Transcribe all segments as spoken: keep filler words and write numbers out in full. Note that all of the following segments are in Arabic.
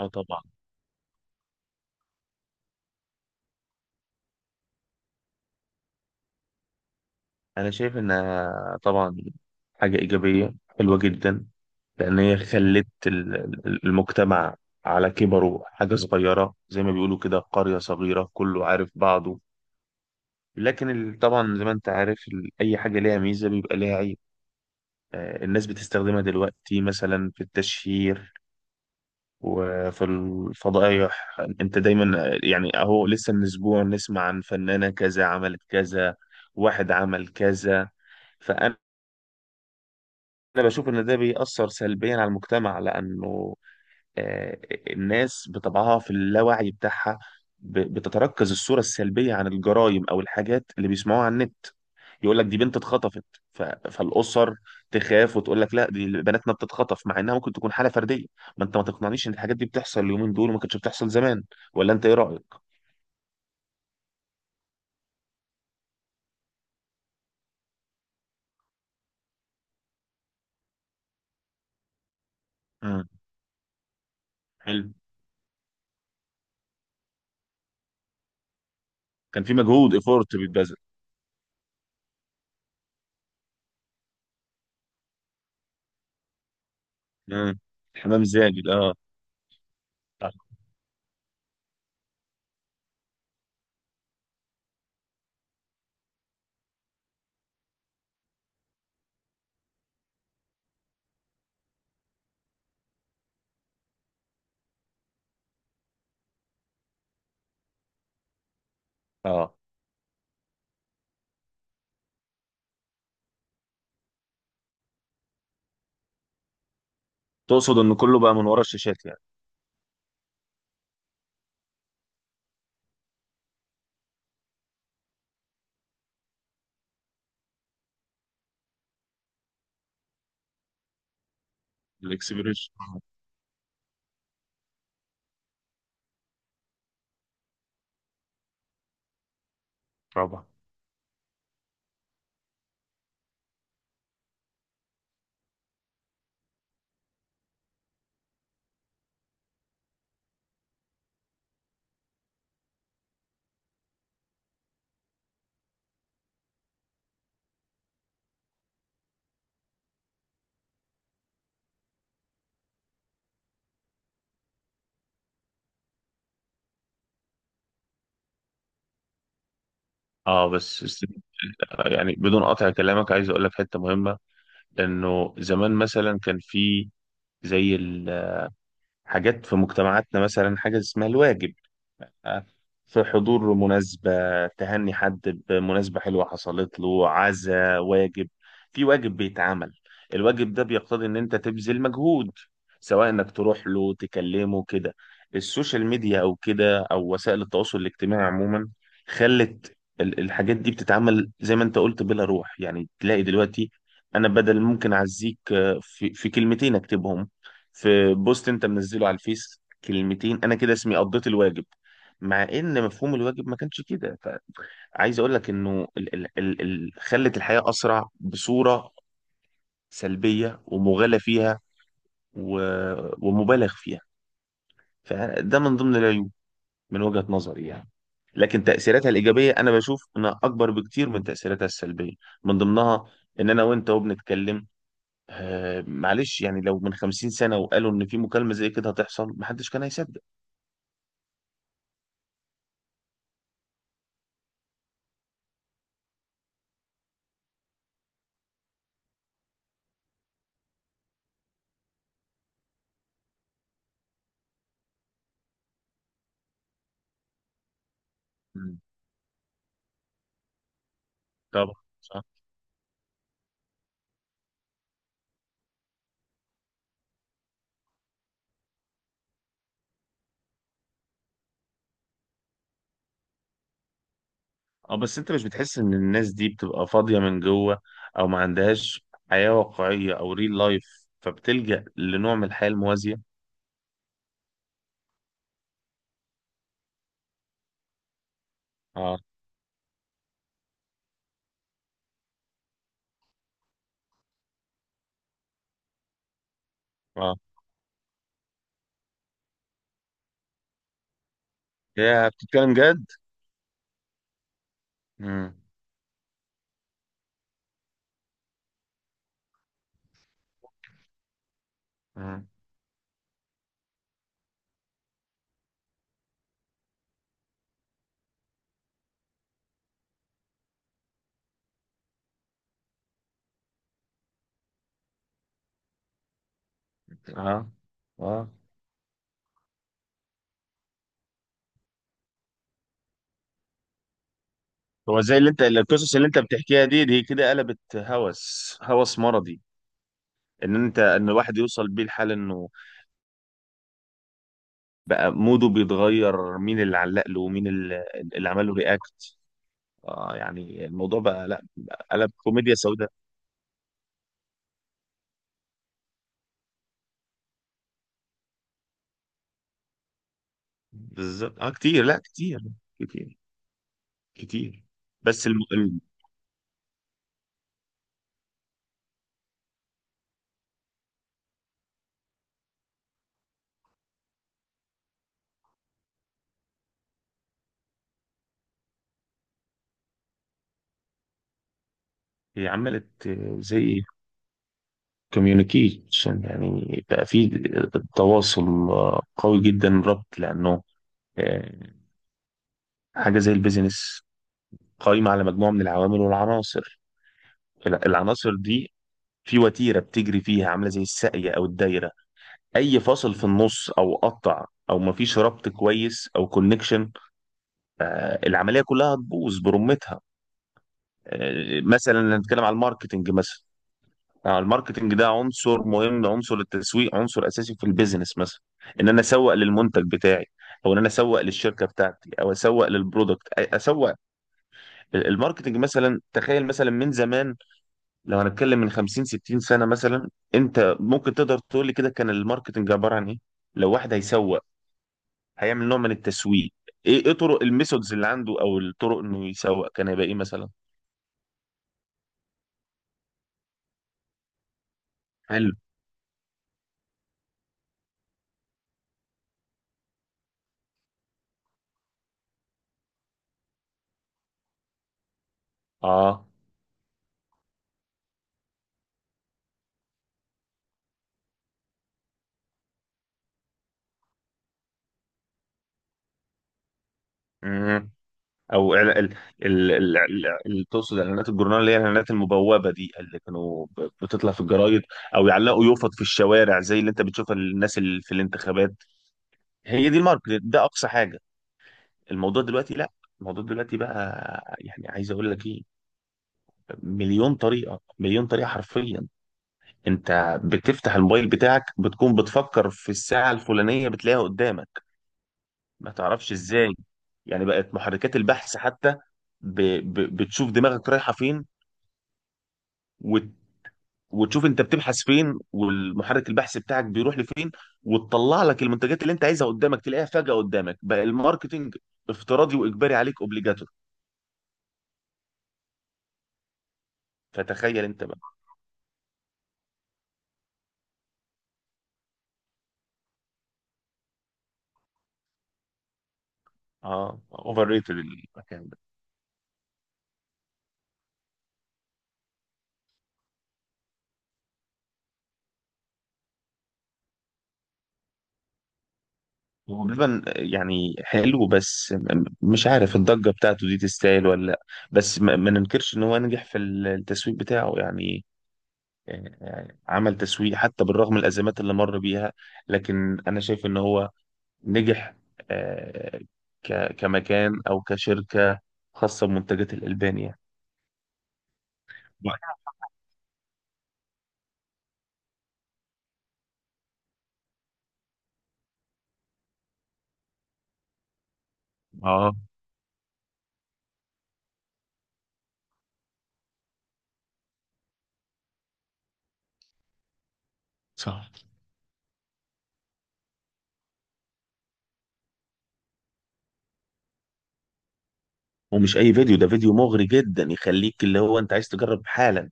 اه، طبعا. انا شايف انها طبعا حاجه ايجابيه حلوه جدا. لان هي خلت ال- ال- المجتمع على كبره حاجه صغيره، زي ما بيقولوا كده، قريه صغيره كله عارف بعضه. لكن ال- طبعا زي ما انت عارف، ال- اي حاجه ليها ميزه بيبقى ليها عيب. آه، الناس بتستخدمها دلوقتي مثلا في التشهير وفي الفضائح. انت دايما يعني، اهو لسه من اسبوع نسمع عن فنانه كذا عملت كذا، واحد عمل كذا. فانا انا بشوف ان ده بيأثر سلبيا على المجتمع، لانه آه، الناس بطبعها في اللاوعي بتاعها ب- بتتركز الصورة السلبية عن الجرائم أو الحاجات اللي بيسمعوها على النت. يقول لك دي بنت اتخطفت، ف- فالأسر تخاف وتقول لك لا دي بناتنا بتتخطف، مع إنها ممكن تكون حالة فردية. ما أنت ما تقنعنيش إن الحاجات دي بتحصل اليومين دول وما كانتش بتحصل زمان. ولا أنت إيه رأيك؟ امم. حلو. كان في مجهود، إيفورت بيتبذل. امم. حمام زاجل، أه. أه. تقصد إن كله بقى من ورا الشاشات يعني. الاكسبيريشن. طبعا. اه، بس بس- يعني بدون قطع كلامك، عايز اقول لك حته مهمه. انه زمان مثلا كان في، زي الحاجات في مجتمعاتنا، مثلا حاجه اسمها الواجب. في حضور مناسبة، تهني حد بمناسبة حلوة حصلت له، عزا واجب، في واجب بيتعمل. الواجب ده بيقتضي ان انت تبذل مجهود، سواء انك تروح له تكلمه كده. السوشيال ميديا او كده، او وسائل التواصل الاجتماعي عموما، خلت ال- الحاجات دي بتتعمل زي ما انت قلت بلا روح، يعني تلاقي دلوقتي انا بدل ممكن اعزيك، آه، في, في كلمتين اكتبهم في بوست انت منزله على الفيس، كلمتين انا كده اسمي قضيت الواجب. مع ان مفهوم الواجب ما كانش كده. فعايز اقول لك انه ال ال ال ال خلت الحياة اسرع بصورة سلبية ومغالى فيها و ومبالغ فيها. فده من ضمن العيوب من وجهة نظري يعني. لكن تأثيراتها الإيجابية أنا بشوف إنها أكبر بكتير من تأثيراتها السلبية، من ضمنها إن أنا وأنت وبنتكلم، آه، معلش، يعني لو من خمسين سنة وقالوا إن في مكالمة زي كده هتحصل محدش كان هيصدق. مم. طبعا. اه، بس انت مش بتحس ان الناس دي بتبقى فاضية من جوه او ما عندهاش حياة واقعية او ريل لايف، فبتلجأ لنوع من الحياة الموازية؟ اه. اه. يا بتتكلم جد. امم. امم. اه. اه. هو زي اللي انت، القصص اللي انت بتحكيها دي دي كده قلبت هوس، هوس مرضي. ان انت، ان الواحد يوصل بيه الحال انه بقى موده بيتغير، مين اللي علق له ومين اللي اللي عمل له رياكت. اه، يعني الموضوع بقى، لا، قلب كوميديا سوداء. بالظبط. اه كتير، لا كتير، كتير كتير. بس. الم... ال- هي عملت آه، زي كوميونيكيشن، يعني بقى في تواصل آه، قوي جدا، ربط، لانه آه، حاجه زي البيزنس قائمه على مجموعه من العوامل والعناصر. الع- العناصر دي في وتيره بتجري فيها عامله زي الساقيه او الدايره. اي فاصل في النص او قطع او مفيش ربط كويس او كونكشن، العمليه كلها هتبوظ برمتها. آه، مثلا نتكلم على الماركتنج مثلا. آه، الماركتنج ده عنصر مهم، عنصر التسويق عنصر اساسي في البيزنس مثلا. ان انا اسوق للمنتج بتاعي، او ان انا اسوق للشركه بتاعتي، او اسوق للبرودكت، أ- اسوق. الماركتنج مثلا، تخيل مثلا من زمان، لو هنتكلم من خمسين ستين سنه مثلا، انت ممكن تقدر تقول لي كده كان الماركتنج عباره عن ايه؟ لو واحد هيسوق، هيعمل نوع من التسويق، ايه ايه طرق الميثودز اللي عنده، او الطرق انه يسوق كان هيبقى ايه مثلا؟ حلو. اه. مم. او إعلا- ال ال ال ال- ال- تقصد اعلانات الجورنال، اللي هي الاعلانات المبوبه دي، اللي كانوا ب- بتطلع في الجرايد، او يعلقوا يوفط في الشوارع زي اللي انت بتشوفها الناس اللي في الانتخابات. هي دي الماركت، ده اقصى حاجه. الموضوع دلوقتي، لا. الموضوع دلوقتي بقى، يعني عايز اقول لك ايه، مليون طريقه، مليون طريقه حرفيا. انت بتفتح الموبايل بتاعك، بتكون بتفكر في الساعه الفلانيه بتلاقيها قدامك، ما تعرفش ازاي. يعني بقت محركات البحث حتى، ب... ب... بتشوف دماغك رايحه فين، وتشوف انت بتبحث فين والمحرك البحث بتاعك بيروح لفين، وتطلع لك المنتجات اللي انت عايزها قدامك تلاقيها فجأة قدامك. بقى الماركتينج افتراضي واجباري عليك، اوبليجاتور. فتخيل انت بقى. اه، اوفر ريتد المكان ده. هو بلبن يعني حلو، بس م- مش عارف الضجة بتاعته دي تستاهل ولا لا. بس ما ما ننكرش ان هو نجح في ال- التسويق بتاعه، يعني يعني عمل تسويق حتى بالرغم من الأزمات اللي مر بيها. لكن أنا شايف إن هو نجح، آه، ك- كمكان او كشركه خاصه بمنتجات الالبان يعني. اه. صح. ومش اي فيديو، ده فيديو مغري جدا يخليك اللي هو انت عايز تجرب حالا.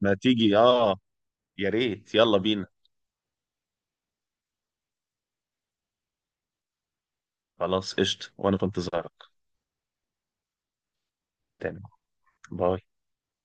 ما تيجي، اه. يا ريت، يلا بينا. خلاص قشطه، وانا في انتظارك. تمام. باي.